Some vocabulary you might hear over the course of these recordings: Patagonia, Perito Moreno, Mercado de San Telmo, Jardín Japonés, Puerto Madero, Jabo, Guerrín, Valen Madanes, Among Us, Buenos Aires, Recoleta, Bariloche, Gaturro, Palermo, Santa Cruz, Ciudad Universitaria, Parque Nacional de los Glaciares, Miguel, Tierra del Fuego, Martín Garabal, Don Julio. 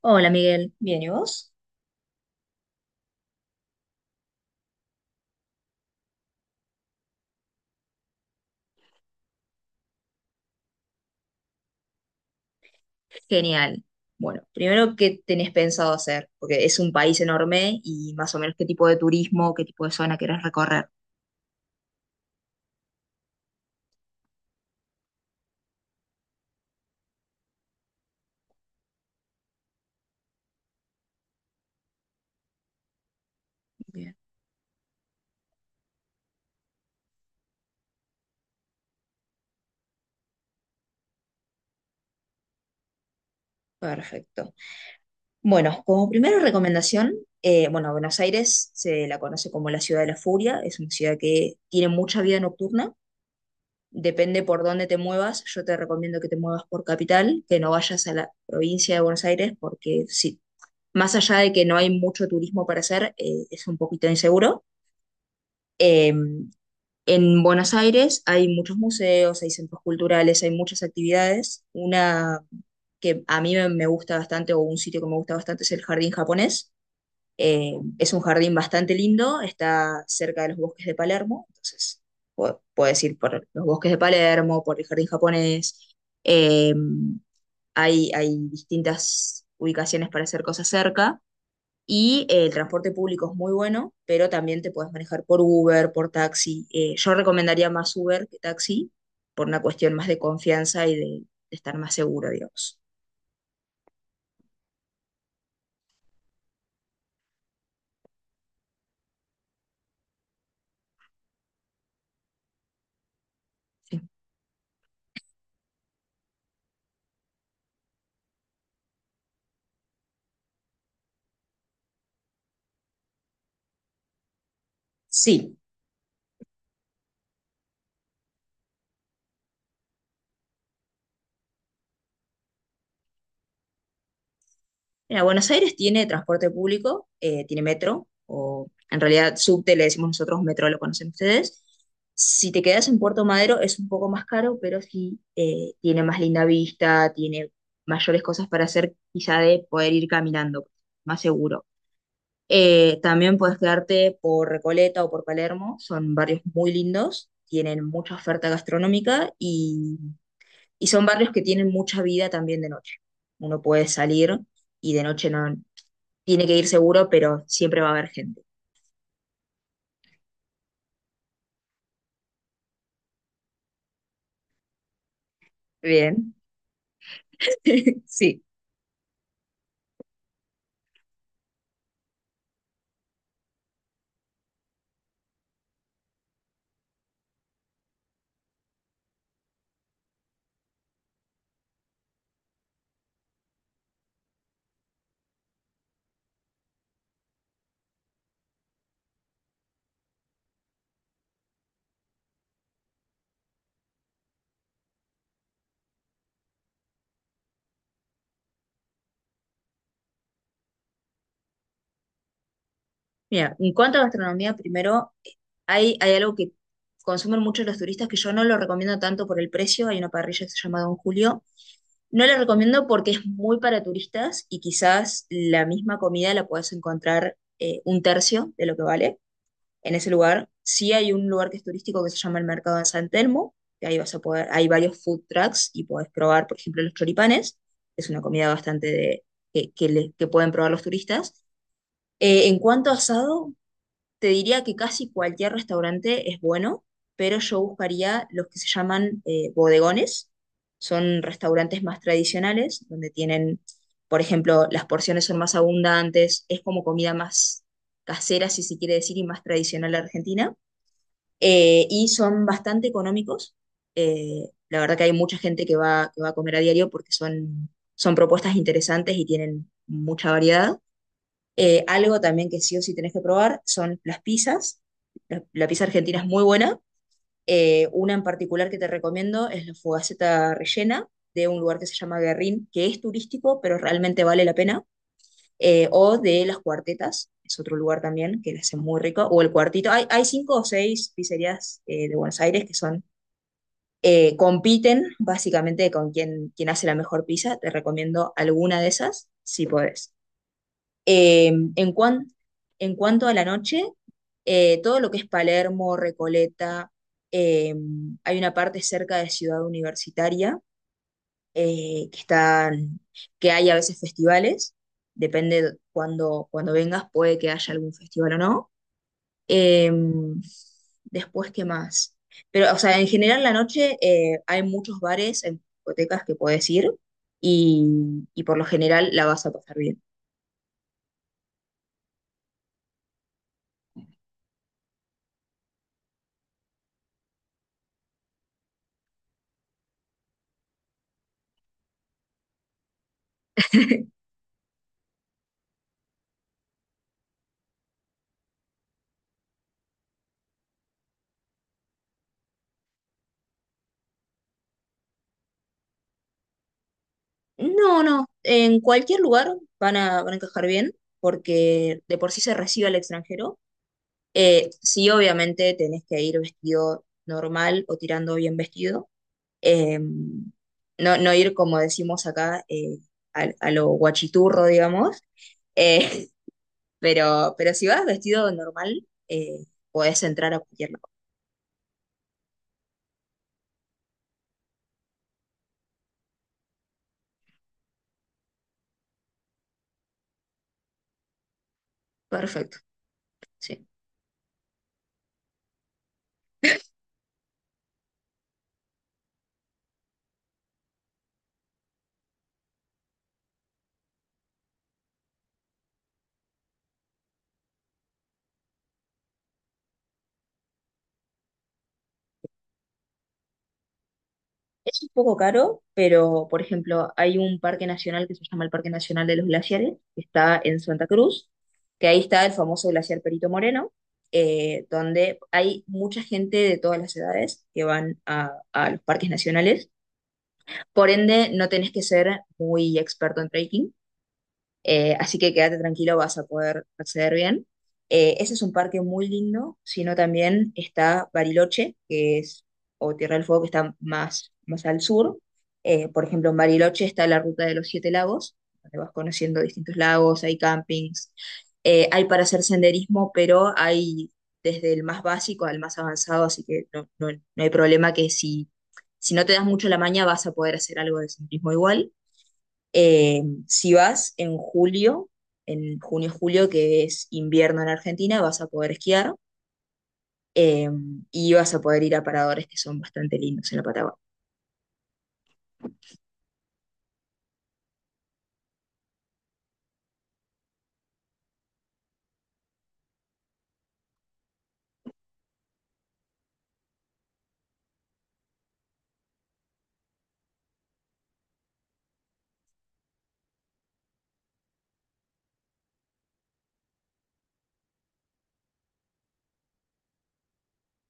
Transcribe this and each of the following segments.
Hola Miguel, bien, ¿y vos? Genial. Bueno, primero, ¿qué tenés pensado hacer? Porque es un país enorme y más o menos qué tipo de turismo, qué tipo de zona querés recorrer. Bien. Perfecto. Bueno, como primera recomendación, bueno, Buenos Aires se la conoce como la ciudad de la furia, es una ciudad que tiene mucha vida nocturna, depende por dónde te muevas, yo te recomiendo que te muevas por capital, que no vayas a la provincia de Buenos Aires porque sí, más allá de que no hay mucho turismo para hacer, es un poquito inseguro. Eh, en Buenos Aires hay muchos museos, hay centros culturales, hay muchas actividades. Una que a mí me gusta bastante, o un sitio que me gusta bastante, es el Jardín Japonés. Eh, es un jardín bastante lindo, está cerca de los bosques de Palermo, entonces puedes ir por los bosques de Palermo, por el Jardín Japonés. Eh, hay distintas ubicaciones para hacer cosas cerca. Y el transporte público es muy bueno, pero también te puedes manejar por Uber, por taxi. Yo recomendaría más Uber que taxi por una cuestión más de confianza y de estar más seguro, digamos. Sí. Sí. Mira, Buenos Aires tiene transporte público, tiene metro, o en realidad subte le decimos nosotros, metro lo conocen ustedes. Si te quedas en Puerto Madero es un poco más caro, pero sí tiene más linda vista, tiene mayores cosas para hacer, quizá de poder ir caminando, más seguro. También puedes quedarte por Recoleta o por Palermo, son barrios muy lindos, tienen mucha oferta gastronómica y son barrios que tienen mucha vida también de noche. Uno puede salir y de noche no tiene que ir seguro, pero siempre va a haber gente. Bien, sí. Mira, en cuanto a gastronomía, primero, hay algo que consumen muchos los turistas que yo no lo recomiendo tanto por el precio. Hay una parrilla que se llama Don Julio. No la recomiendo porque es muy para turistas y quizás la misma comida la puedes encontrar un tercio de lo que vale en ese lugar. Sí hay un lugar que es turístico que se llama el Mercado de San Telmo, que ahí vas a poder, hay varios food trucks y podés probar, por ejemplo, los choripanes. Es una comida bastante de, que pueden probar los turistas. En cuanto a asado, te diría que casi cualquier restaurante es bueno, pero yo buscaría los que se llaman bodegones. Son restaurantes más tradicionales, donde tienen, por ejemplo, las porciones son más abundantes, es como comida más casera, si se quiere decir, y más tradicional argentina. Y son bastante económicos. La verdad que hay mucha gente que va a comer a diario porque son, son propuestas interesantes y tienen mucha variedad. Algo también que sí o sí tenés que probar son las pizzas. La pizza argentina es muy buena. Una en particular que te recomiendo es la fogaceta rellena de un lugar que se llama Guerrín, que es turístico, pero realmente vale la pena. O de las cuartetas, es otro lugar también que la hace muy rico. O el cuartito. Hay cinco o seis pizzerías de Buenos Aires que son compiten básicamente con quien hace la mejor pizza. Te recomiendo alguna de esas si podés. Eh, en cuan- en cuanto a la noche, todo lo que es Palermo, Recoleta, eh, hay una parte cerca de Ciudad Universitaria eh, que están, que hay a veces festivales, depende cuando vengas, puede que haya algún festival o no. Eh, después, ¿qué más? Pero, o sea, en general la noche hay muchos bares, en discotecas que puedes ir y por lo general la vas a pasar bien. No, no, en cualquier lugar van a, van a encajar bien, porque de por sí se recibe al extranjero. Sí, obviamente tenés que ir vestido normal o tirando bien vestido. No, no ir, como decimos acá, a lo guachiturro, digamos. Eh, pero si vas vestido normal, podés entrar a cualquier lado. Perfecto, sí. Es un poco caro, pero por ejemplo, hay un parque nacional que se llama el Parque Nacional de los Glaciares, que está en Santa Cruz, que ahí está el famoso glaciar Perito Moreno, donde hay mucha gente de todas las edades que van a los parques nacionales. Por ende, no tenés que ser muy experto en trekking, así que quédate tranquilo, vas a poder acceder bien. Ese es un parque muy lindo, sino también está Bariloche, que es, o Tierra del Fuego, que está más, más al sur. Por ejemplo, en Bariloche está la ruta de los 7 lagos, donde vas conociendo distintos lagos, hay campings, hay para hacer senderismo, pero hay desde el más básico al más avanzado, así que no, no hay problema que si, si no te das mucho la maña vas a poder hacer algo de senderismo igual. Eh, si vas en julio, en junio-julio, que es invierno en Argentina, vas a poder esquiar eh, y vas a poder ir a paradores que son bastante lindos en la Patagonia.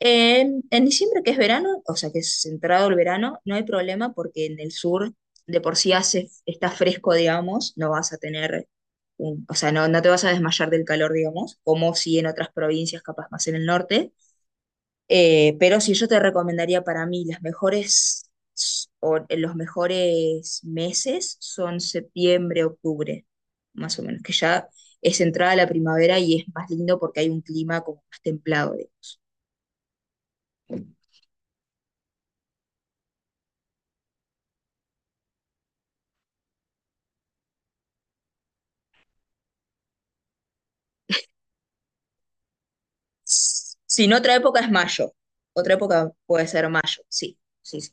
En diciembre, que es verano, o sea que es entrado el verano, no hay problema porque en el sur de por sí hace, está fresco, digamos, no vas a tener, o sea, no, no te vas a desmayar del calor, digamos, como si en otras provincias, capaz más en el norte. Pero si yo te recomendaría para mí las mejores s- o los mejores meses son septiembre, octubre, más o menos, que ya es entrada la primavera y es más lindo porque hay un clima como más templado, digamos. Si no, otra época es mayo. Otra época puede ser mayo, sí, sí, sí.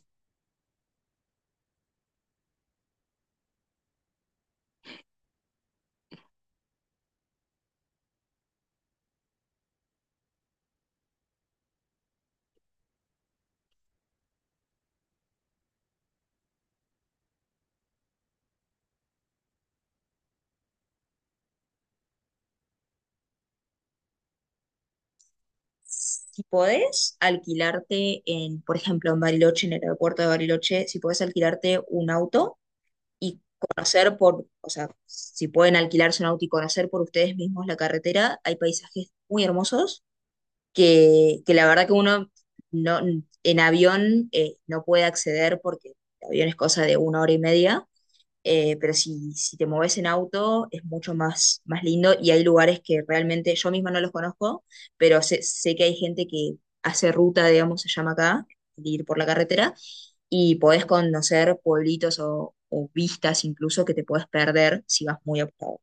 Si podés alquilarte en, por ejemplo, en Bariloche, en el aeropuerto de Bariloche, si podés alquilarte un auto y conocer por, o sea, si pueden alquilarse un auto y conocer por ustedes mismos la carretera, hay paisajes muy hermosos que la verdad que uno no, en avión no puede acceder porque el avión es cosa de 1 hora y media, pero si, si te mueves en auto es mucho más, más lindo y hay lugares que realmente yo misma no los conozco, pero sé, sé que hay gente que hace ruta, digamos, se llama acá, de ir por la carretera y podés conocer pueblitos o vistas incluso que te puedes perder si vas muy apurado,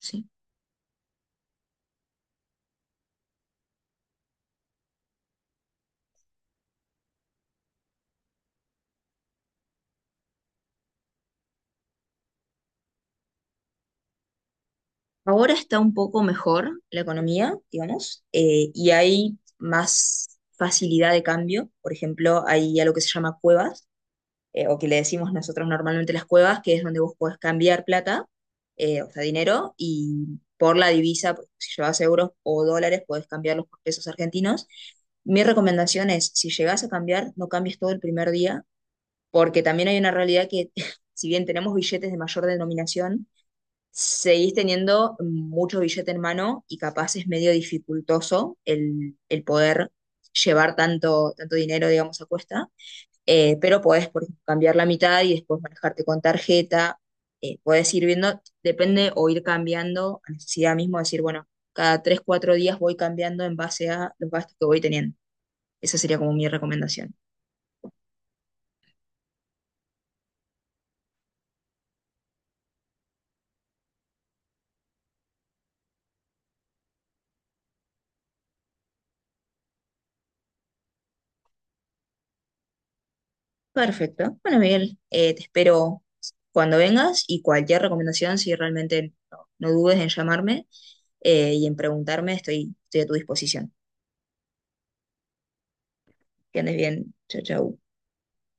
¿sí? Ahora está un poco mejor la economía, digamos, y hay más facilidad de cambio. Por ejemplo, hay algo que se llama cuevas, o que le decimos nosotros normalmente las cuevas, que es donde vos podés cambiar plata, o sea, dinero, y por la divisa, pues, si llevas euros o dólares, podés cambiarlos por pesos argentinos. Mi recomendación es, si llegás a cambiar, no cambies todo el primer día, porque también hay una realidad que, si bien tenemos billetes de mayor denominación, seguís teniendo mucho billete en mano y capaz es medio dificultoso el poder llevar tanto, tanto dinero, digamos, a cuesta pero podés, por ejemplo, cambiar la mitad y después manejarte con tarjeta. Podés ir viendo, depende o ir cambiando a necesidad mismo, decir, bueno, cada 3 o 4 días voy cambiando en base a los gastos que voy teniendo. Esa sería como mi recomendación. Perfecto. Bueno, Miguel, te espero cuando vengas y cualquier recomendación, si realmente no, no dudes en llamarme y en preguntarme, estoy, estoy a tu disposición. Que andes bien. Chao, chao.